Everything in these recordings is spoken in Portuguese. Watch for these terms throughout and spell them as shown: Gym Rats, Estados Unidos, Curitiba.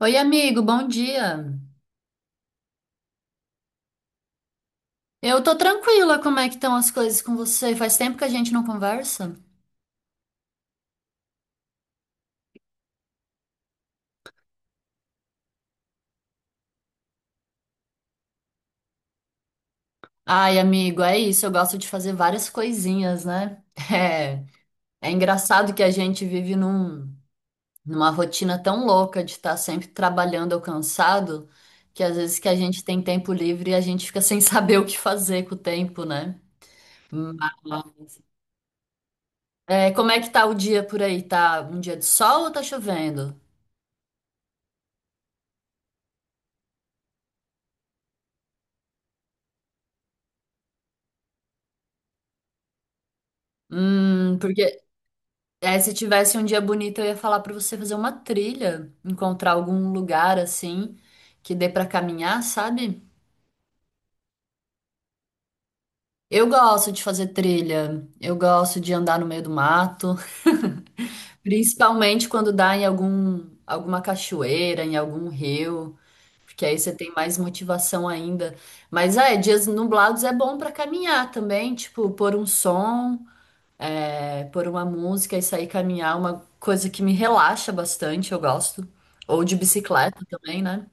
Oi, amigo, bom dia. Eu tô tranquila, como é que estão as coisas com você? Faz tempo que a gente não conversa? Ai, amigo, é isso, eu gosto de fazer várias coisinhas, né? É engraçado que a gente vive numa rotina tão louca de estar sempre trabalhando ou cansado, que às vezes que a gente tem tempo livre e a gente fica sem saber o que fazer com o tempo, né? Mas, como é que tá o dia por aí? Tá um dia de sol ou tá chovendo? Porque Se tivesse um dia bonito, eu ia falar pra você fazer uma trilha, encontrar algum lugar assim que dê pra caminhar, sabe? Eu gosto de fazer trilha, eu gosto de andar no meio do mato, principalmente quando dá em alguma cachoeira, em algum rio, porque aí você tem mais motivação ainda. Mas dias nublados é bom pra caminhar também, tipo, pôr um som. Pôr uma música e sair caminhar, uma coisa que me relaxa bastante, eu gosto. Ou de bicicleta também, né?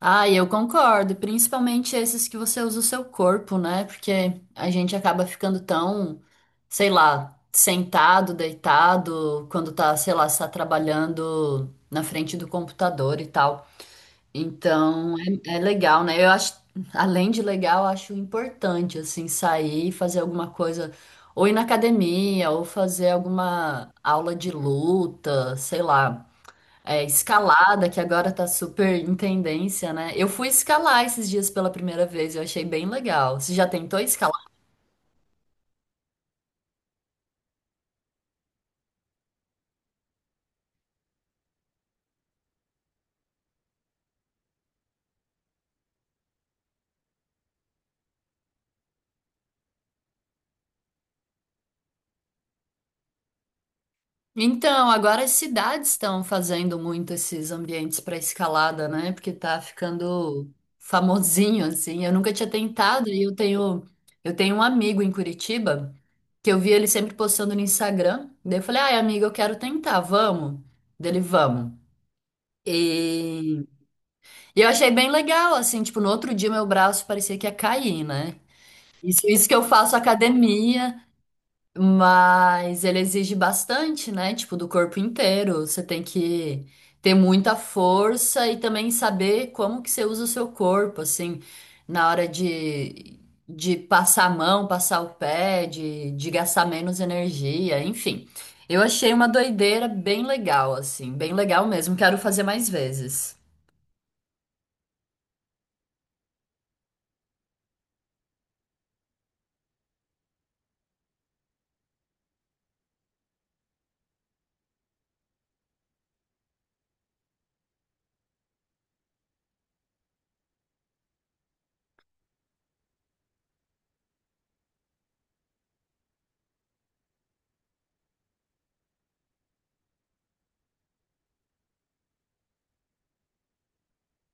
Ah, e eu concordo, principalmente esses que você usa o seu corpo, né? Porque a gente acaba ficando tão, sei lá, sentado, deitado, quando tá, sei lá, está trabalhando na frente do computador e tal. Então, é legal, né? Eu acho, além de legal, eu acho importante, assim, sair e fazer alguma coisa, ou ir na academia, ou fazer alguma aula de luta, sei lá. É, escalada, que agora tá super em tendência, né? Eu fui escalar esses dias pela primeira vez, eu achei bem legal. Você já tentou escalar? Então, agora as cidades estão fazendo muito esses ambientes para escalada, né? Porque tá ficando famosinho assim. Eu nunca tinha tentado e eu tenho um amigo em Curitiba que eu vi ele sempre postando no Instagram. Daí eu falei: "Ai, amigo, eu quero tentar, vamos?" Dele, vamos. E, e eu achei bem legal, assim, tipo, no outro dia meu braço parecia que ia cair, né? Isso que eu faço academia. Mas ele exige bastante, né? Tipo, do corpo inteiro. Você tem que ter muita força e também saber como que você usa o seu corpo, assim, na hora de passar a mão, passar o pé, de gastar menos energia, enfim. Eu achei uma doideira bem legal, assim, bem legal mesmo. Quero fazer mais vezes.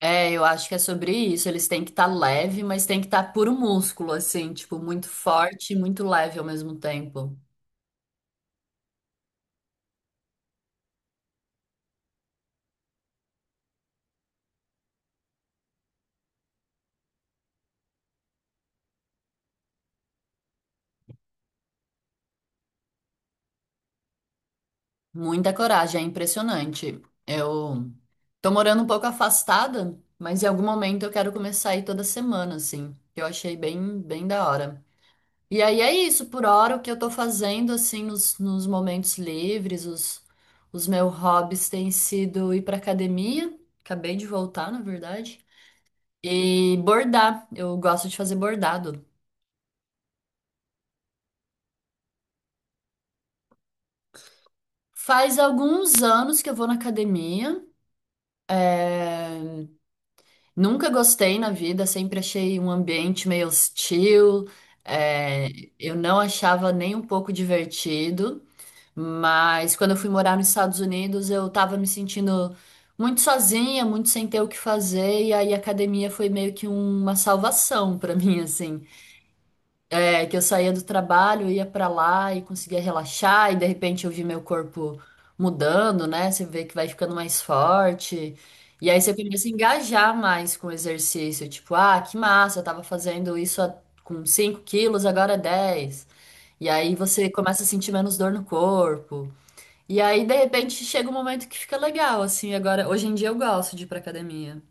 É, eu acho que é sobre isso. Eles têm que estar leve, mas tem que estar puro músculo, assim, tipo, muito forte e muito leve ao mesmo tempo. Muita coragem, é impressionante. Eu tô morando um pouco afastada, mas em algum momento eu quero começar a ir toda semana, assim. Que Eu achei bem, bem da hora. E aí é isso, por hora, o que eu tô fazendo, assim, nos momentos livres, os meus hobbies têm sido ir pra academia, acabei de voltar, na verdade, e bordar. Eu gosto de fazer bordado. Faz alguns anos que eu vou na academia. eh, Nunca gostei na vida, sempre achei um ambiente meio hostil, é, eu não achava nem um pouco divertido, mas quando eu fui morar nos Estados Unidos, eu tava me sentindo muito sozinha, muito sem ter o que fazer, e aí a academia foi meio que uma salvação pra mim, assim. É, que eu saía do trabalho, ia pra lá e conseguia relaxar, e de repente eu vi meu corpo mudando, né? Você vê que vai ficando mais forte. E aí você começa a engajar mais com o exercício. Tipo, ah, que massa, eu tava fazendo isso com 5 quilos, agora é 10. E aí você começa a sentir menos dor no corpo. E aí, de repente, chega um momento que fica legal, assim. Agora, hoje em dia eu gosto de ir pra academia.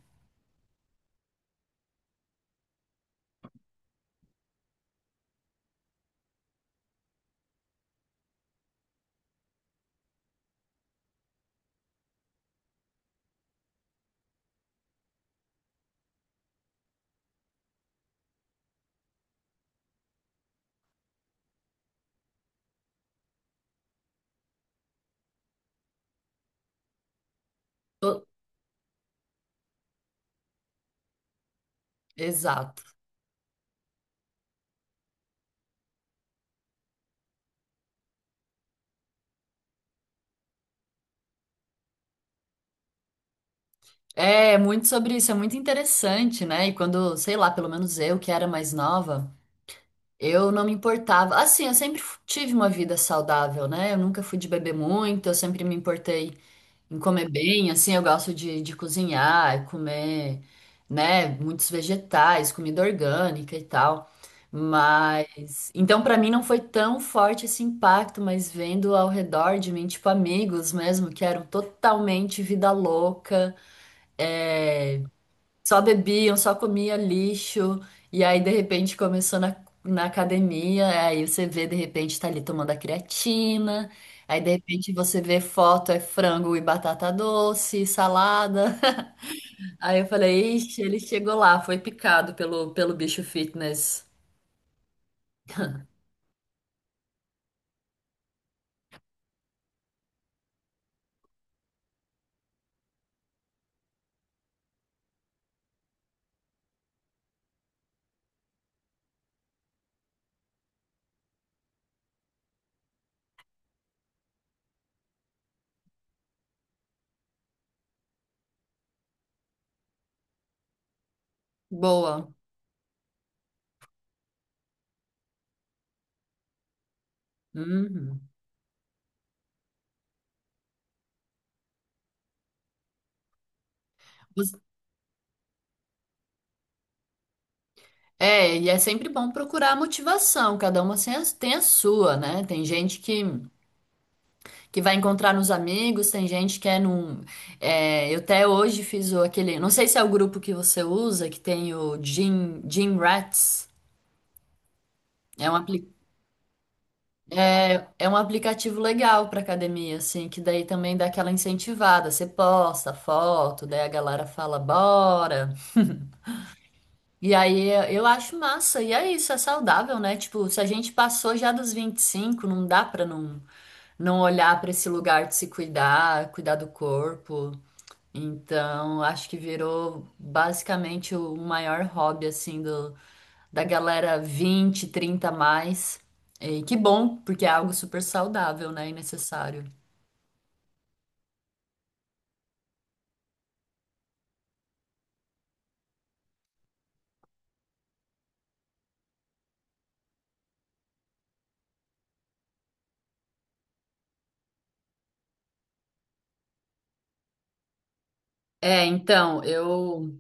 Tô- Exato. É, muito sobre isso, é muito interessante, né? E quando, sei lá, pelo menos eu, que era mais nova, eu não me importava. Assim, eu sempre tive uma vida saudável, né? Eu nunca fui de beber muito, eu sempre me importei em comer bem, assim, eu gosto de cozinhar, e comer, né, muitos vegetais, comida orgânica e tal. Mas, então, pra mim não foi tão forte esse impacto, mas vendo ao redor de mim, tipo, amigos mesmo, que eram totalmente vida louca, é, só bebiam, só comia lixo, e aí de repente começou na academia, aí você vê de repente tá ali tomando a creatina, aí de repente você vê foto, é frango e batata doce, salada. Aí eu falei, ixi, ele chegou lá, foi picado pelo bicho fitness. Boa. Uhum. Os- É, e é sempre bom procurar a motivação, cada uma tem a sua, né? Tem gente que vai encontrar nos amigos, tem gente que é num. Eu até hoje fiz o, aquele. Não sei se é o grupo que você usa, que tem o Gym, Gym Rats. É um, apli- é um aplicativo legal para academia, assim, que daí também dá aquela incentivada. Você posta foto, daí a galera fala, bora. E aí eu acho massa. E é isso, é saudável, né? Tipo, se a gente passou já dos 25, não dá pra não olhar para esse lugar de se cuidar, cuidar do corpo. Então, acho que virou basicamente o maior hobby assim do da galera 20, 30 a mais. E que bom, porque é algo super saudável, né, e necessário. É, então, eu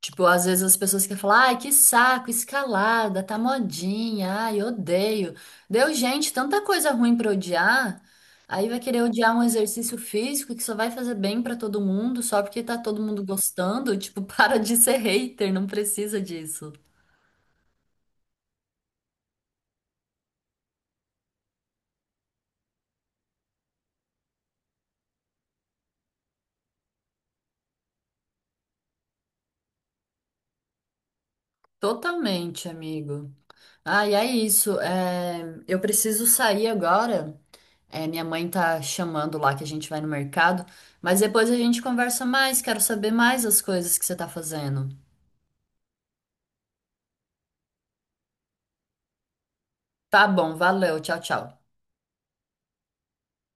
tipo, às vezes as pessoas querem falar, ai, que saco, escalada, tá modinha, ai, odeio. Deu, gente, tanta coisa ruim pra odiar. Aí vai querer odiar um exercício físico que só vai fazer bem pra todo mundo, só porque tá todo mundo gostando. Tipo, para de ser hater, não precisa disso. Totalmente, amigo. Ah, e é isso. Eu preciso sair agora. É, minha mãe tá chamando lá que a gente vai no mercado, mas depois a gente conversa mais, quero saber mais as coisas que você tá fazendo. Tá bom, valeu, tchau, tchau.